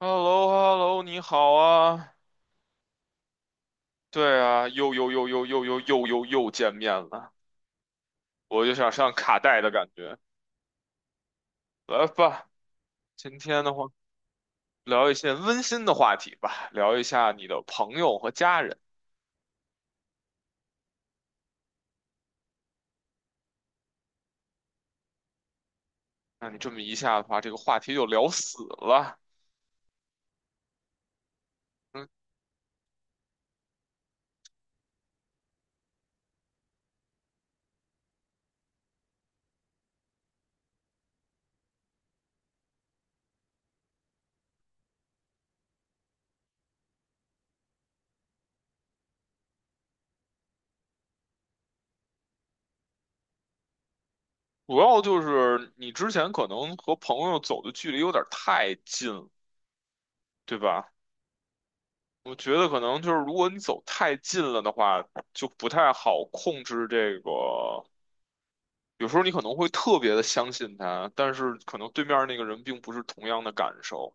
h e l l o h e l l o 你好啊！对啊，又又又又又又又又又见面了，我就想上卡带的感觉。来吧，今天的话聊一些温馨的话题吧，聊一下你的朋友和家人。那你这么一下的话，这个话题就聊死了。嗯，主要就是你之前可能和朋友走的距离有点太近了，对吧？我觉得可能就是如果你走太近了的话，就不太好控制这个。有时候你可能会特别的相信他，但是可能对面那个人并不是同样的感受，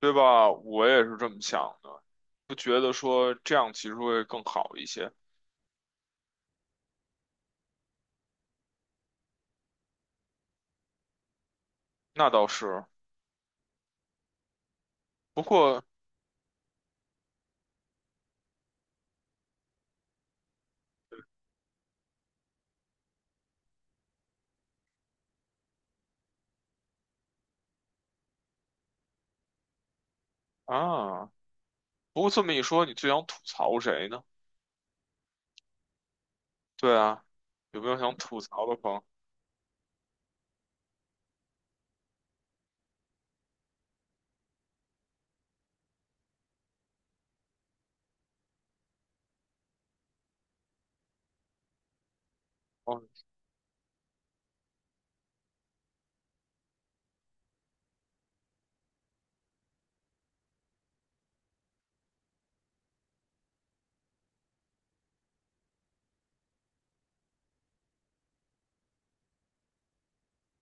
对吧？我也是这么想的，不觉得说这样其实会更好一些。那倒是，不过啊，不过这么一说，你最想吐槽谁呢？对啊，有没有想吐槽的朋友？哦，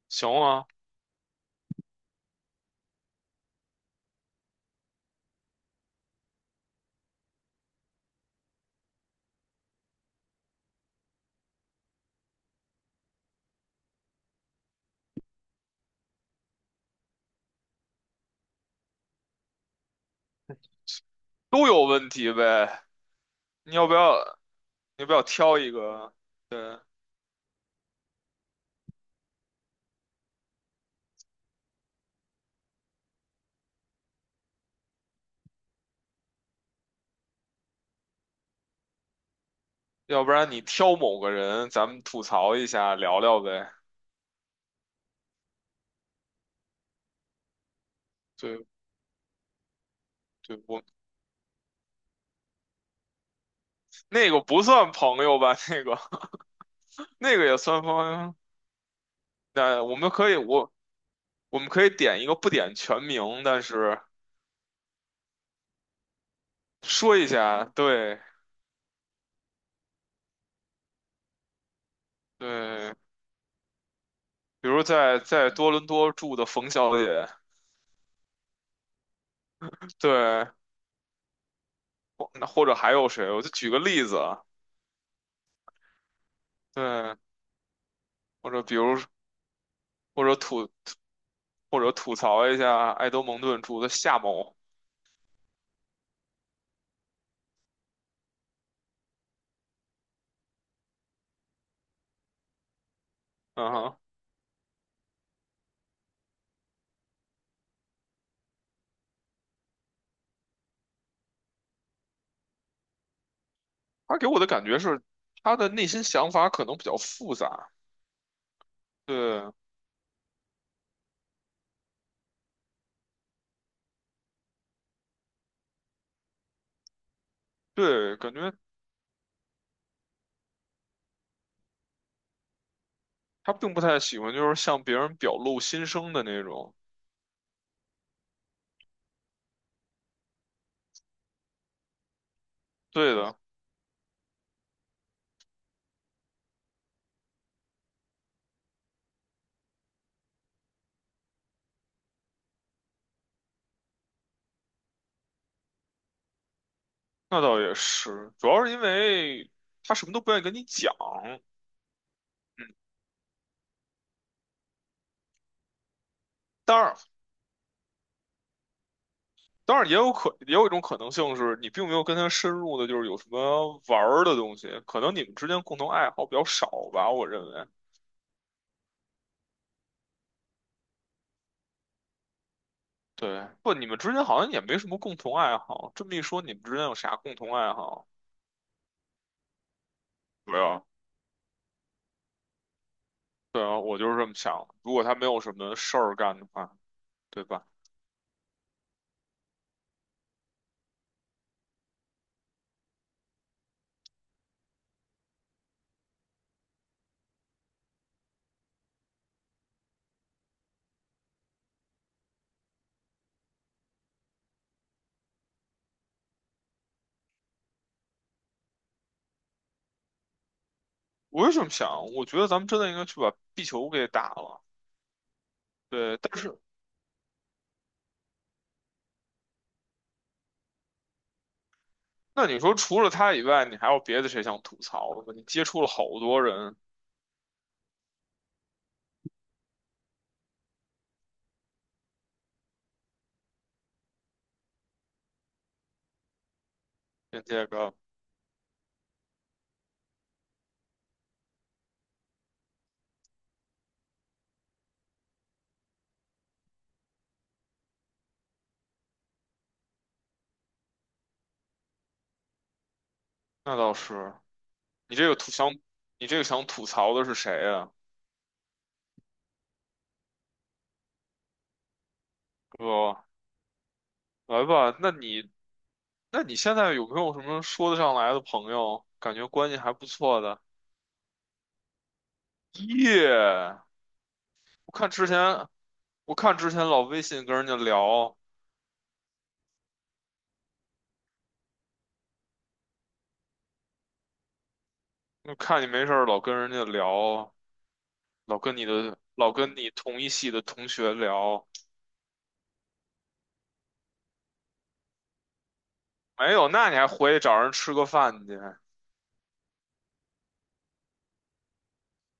行啊，都有问题呗。你要不要？你要不要挑一个？对，要不然你挑某个人，咱们吐槽一下，聊聊呗。对。对，我那个不算朋友吧？那个 那个也算朋友。那我们可以，我们可以点一个不点全名，但是说一下，对对，比如在多伦多住的冯小姐，对，或者还有谁？我就举个例子啊，对，或者比如或者吐或者吐槽一下埃德蒙顿住的夏某，嗯哼，他给我的感觉是他的内心想法可能比较复杂，对对，感觉。他并不太喜欢就是向别人表露心声的那种。对的，那倒也是，主要是因为他什么都不愿意跟你讲。嗯，当然，当然也有可也有一种可能性是你并没有跟他深入的，就是有什么玩儿的东西，可能你们之间共同爱好比较少吧，我认为。对，不，你们之间好像也没什么共同爱好。这么一说，你们之间有啥共同爱好？没有。对啊，我就是这么想。如果他没有什么事儿干的话，对吧？我是这么想，我觉得咱们真的应该去把壁球给打了。对，但是那你说除了他以外，你还有别的谁想吐槽的吗？你接触了好多人，跟这个那倒是，你这个吐想，你这个想吐槽的是谁啊？哥，来吧，那你现在有没有什么说得上来的朋友？感觉关系还不错的。耶，我看之前我看之前老微信跟人家聊，就看你没事儿老跟人家聊，老跟你的老跟你同一系的同学聊，没有，那你还回去找人吃个饭去？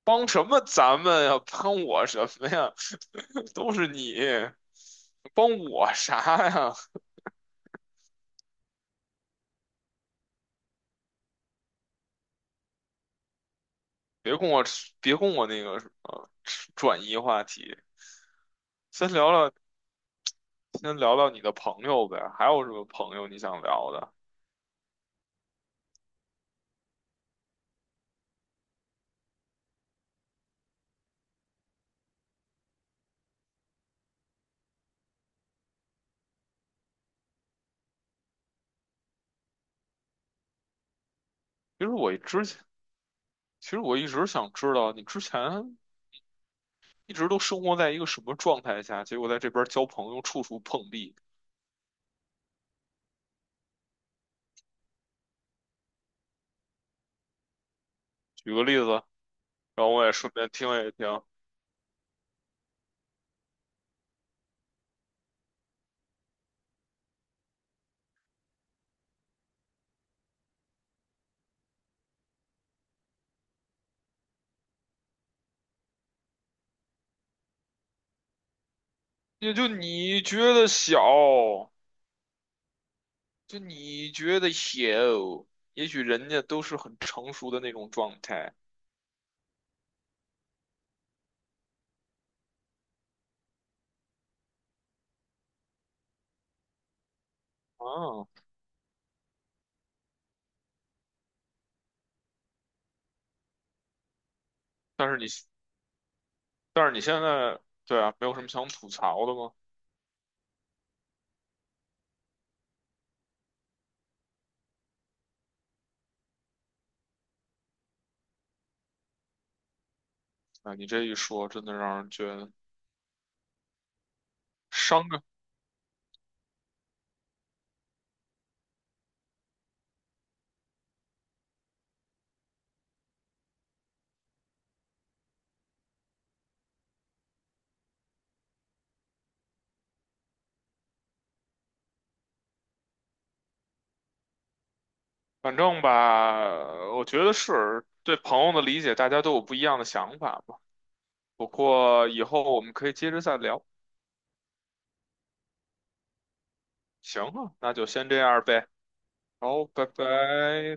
帮什么咱们呀？帮我什么呀？都是你，帮我啥呀？别跟我那个什么吃转移话题，先聊聊先聊聊你的朋友呗，还有什么朋友你想聊的？其实我之前其实我一直想知道你之前一直都生活在一个什么状态下，结果在这边交朋友处处碰壁。举个例子。然后我也顺便听了一听。也就你觉得小，就你觉得小，也许人家都是很成熟的那种状态啊。但是你，但是你现在，对啊，没有什么想吐槽的吗？啊，你这一说，真的让人觉得伤感。反正吧，我觉得是对朋友的理解，大家都有不一样的想法吧。不过以后我们可以接着再聊。行啊，那就先这样呗。好，拜拜。